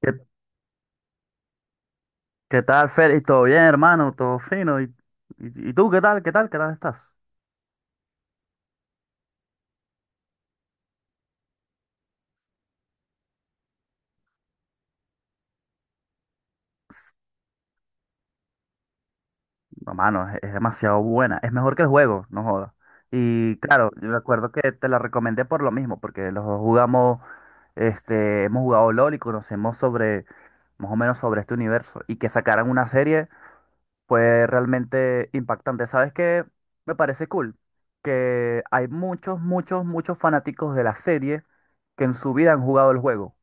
¿Qué, qué tal, Félix? ¿Todo bien, hermano? ¿Todo fino? ¿Y tú qué tal? ¿Qué tal estás? Hermano, es demasiado buena. Es mejor que el juego, no jodas. Y claro, yo recuerdo que te la recomendé por lo mismo, porque los dos jugamos, hemos jugado LOL y conocemos sobre, más o menos sobre este universo. Y que sacaran una serie fue realmente impactante. ¿Sabes qué? Me parece cool que hay muchos, muchos, muchos fanáticos de la serie que en su vida han jugado el juego.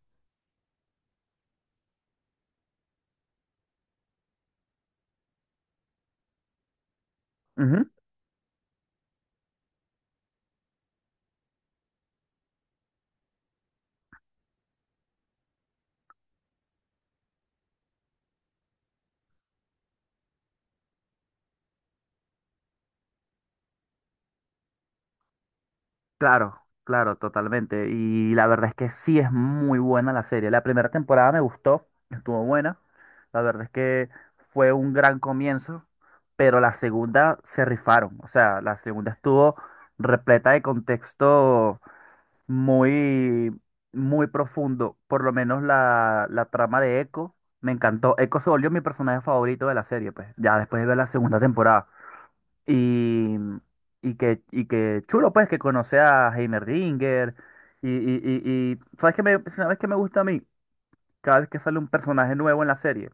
Claro, claro, totalmente. Y la verdad es que sí es muy buena la serie. La primera temporada me gustó, estuvo buena. La verdad es que fue un gran comienzo, pero la segunda se rifaron. O sea, la segunda estuvo repleta de contexto muy, muy profundo. Por lo menos la trama de Echo me encantó. Echo se volvió mi personaje favorito de la serie, pues, ya después de ver la segunda temporada. Y, y que chulo, pues, que conoce a Heimerdinger. Y ¿sabes qué me gusta a mí? Cada vez que sale un personaje nuevo en la serie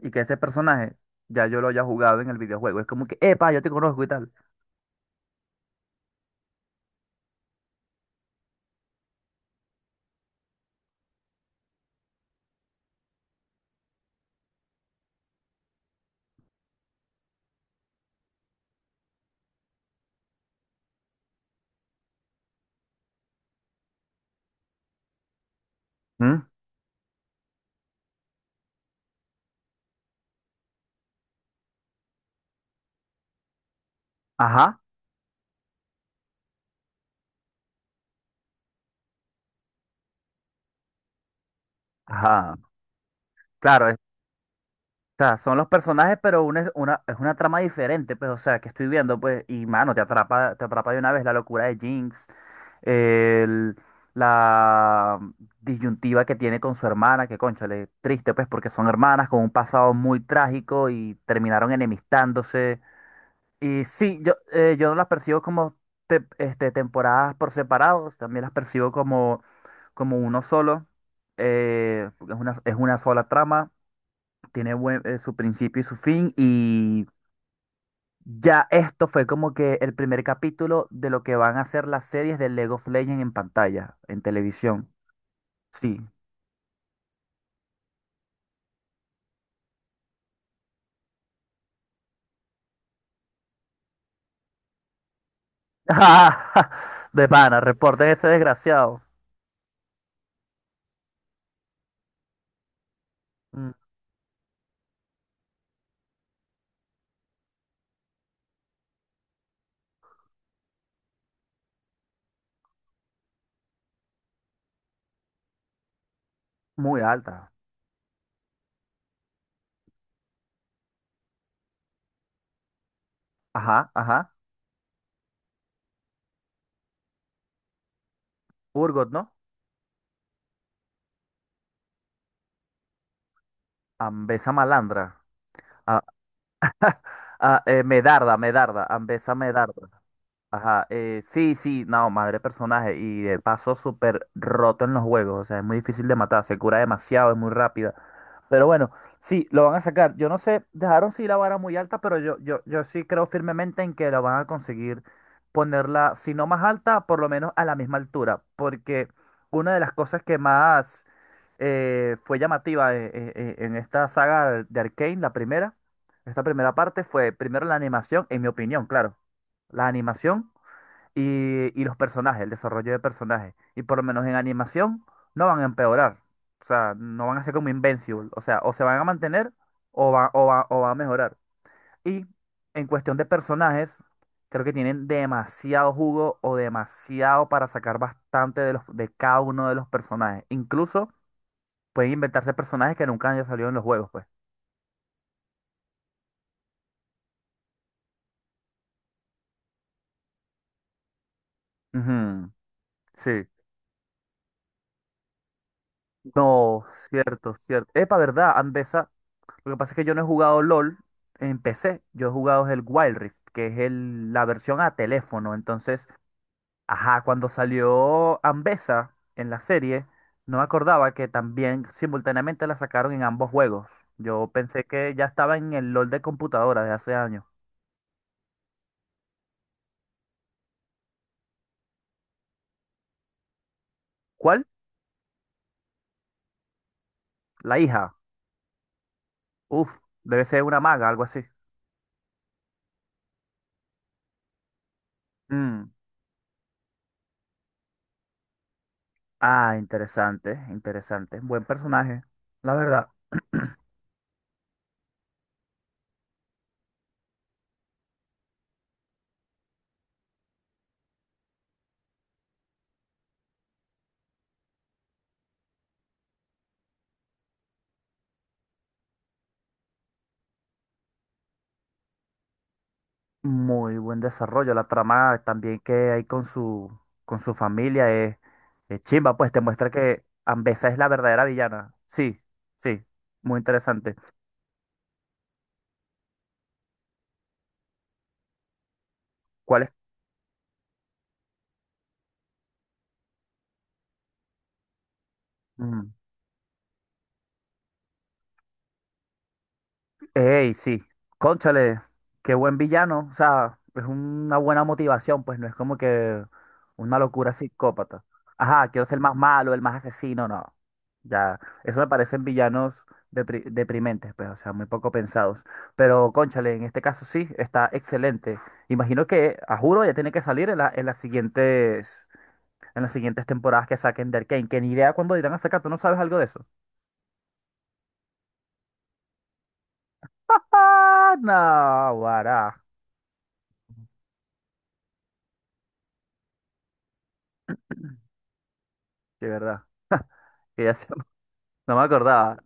y que ese personaje ya yo lo haya jugado en el videojuego. Es como que, epa, yo te conozco y tal. ¿Mm? Ajá, ajá. Claro, sea, son los personajes, pero es una trama diferente, pues, o sea, que estoy viendo, pues, y mano, te atrapa de una vez la locura de Jinx, el- la disyuntiva que tiene con su hermana, que cónchale, triste, pues, porque son hermanas con un pasado muy trágico y terminaron enemistándose. Y sí, yo no las percibo como temporadas por separados, también las percibo como, uno solo, porque es una sola trama tiene su principio y su fin y ya esto fue como que el primer capítulo de lo que van a ser las series de Lego of Legends en pantalla, en televisión. Sí. De pana, reporten ese desgraciado. Mm, muy alta. Ajá, ajá. Urgot, ¿no? Ambesa malandra. Ah, ah, Medarda, Medarda. Ambesa Medarda. Ajá. Sí, sí, no, madre personaje. Y de paso súper roto en los juegos. O sea, es muy difícil de matar. Se cura demasiado, es muy rápida. Pero bueno, sí, lo van a sacar. Yo no sé, dejaron sí la vara muy alta, pero yo sí creo firmemente en que la van a conseguir ponerla, si no más alta, por lo menos a la misma altura. Porque una de las cosas que más fue llamativa en esta saga de Arcane, la primera, esta primera parte, fue primero la animación, en mi opinión, claro. La animación y los personajes, el desarrollo de personajes. Y por lo menos en animación no van a empeorar. O sea, no van a ser como Invincible. O sea, o se van a mantener o va a mejorar. Y en cuestión de personajes, creo que tienen demasiado jugo o demasiado para sacar bastante de cada uno de los personajes. Incluso pueden inventarse personajes que nunca hayan salido en los juegos, pues. Ujú, sí. No, cierto, cierto. Epa, ¿verdad? Andesa. Lo que pasa es que yo no he jugado LOL en PC, yo he jugado el Wild Rift, que es la versión a teléfono. Entonces, ajá, cuando salió Ambessa en la serie, no me acordaba que también simultáneamente la sacaron en ambos juegos. Yo pensé que ya estaba en el LOL de computadora de hace años. ¿Cuál? La hija. Uf, debe ser una maga, algo así. Mm, ah, interesante, interesante. Buen personaje, la verdad. Muy buen desarrollo. La trama también que hay con su familia es chimba, pues te muestra que Ambesa es la verdadera villana. Sí, sí, muy interesante. ¿Cuál es? Ey, sí. Cónchale, qué buen villano. O sea, es una buena motivación, pues no es como que una locura psicópata. Ajá, quiero ser más malo, el más asesino, no. Ya, eso me parecen villanos deprimentes, pues, o sea, muy poco pensados. Pero, cónchale, en este caso sí, está excelente. Imagino que, a juro, ya tiene que salir en en las siguientes temporadas que saquen de Arcane, que ni idea cuándo irán a sacar, ¿tú no sabes algo de eso? Ah, no, guará, de verdad. que ya se- No me acordaba,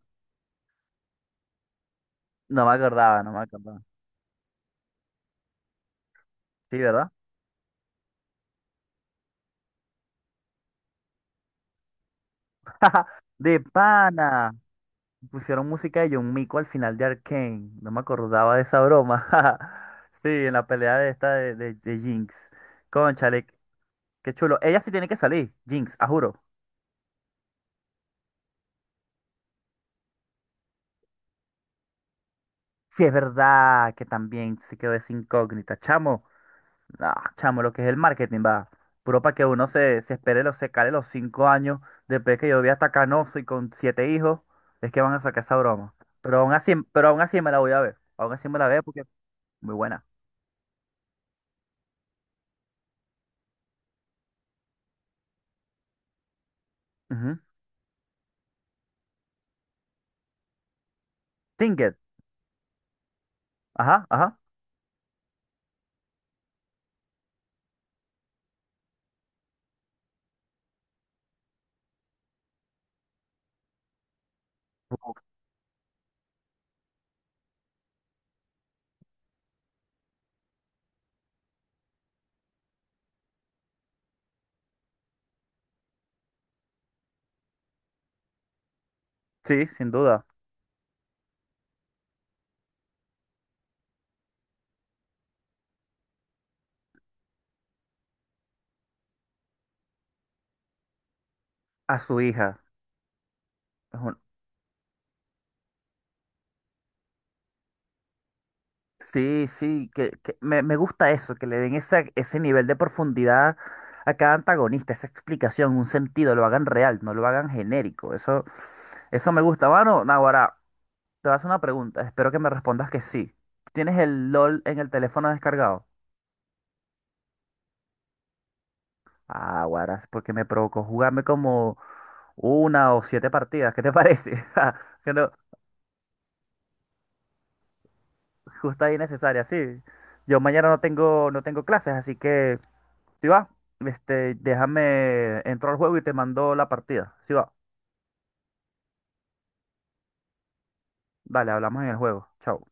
no me acordaba. Sí, ¿verdad? De pana. Pusieron música de John Mico al final de Arcane. No me acordaba de esa broma. Sí, en la pelea de esta de Jinx. Cónchale, qué chulo. Ella sí tiene que salir, Jinx, a juro. Sí, es verdad que también se quedó esa incógnita, chamo. Ah, chamo, lo que es el marketing, va. Puro para que uno se espere, los, se cale los 5 años después que yo vi hasta canoso y con siete hijos, es que van a sacar esa broma. Pero aún así me la voy a ver. Aún así me la veo porque es muy buena. Ujú. Tinket. Ajá, ajá. Sí, sin duda. A su hija. Es un- Sí, sí, que me gusta eso, que le den ese nivel de profundidad a cada antagonista, esa explicación, un sentido, lo hagan real, no lo hagan genérico. Eso me gusta, bueno Naguará. Te voy a hacer una pregunta, espero que me respondas que sí. ¿Tienes el LOL en el teléfono descargado? Ah, guaras, porque me provocó jugarme como una o siete partidas, ¿qué te parece? Ja, que no, justa y necesaria, sí. Yo mañana no tengo clases, así que, si va, déjame, entro al juego y te mando la partida. Si va, dale, hablamos en el juego. Chao.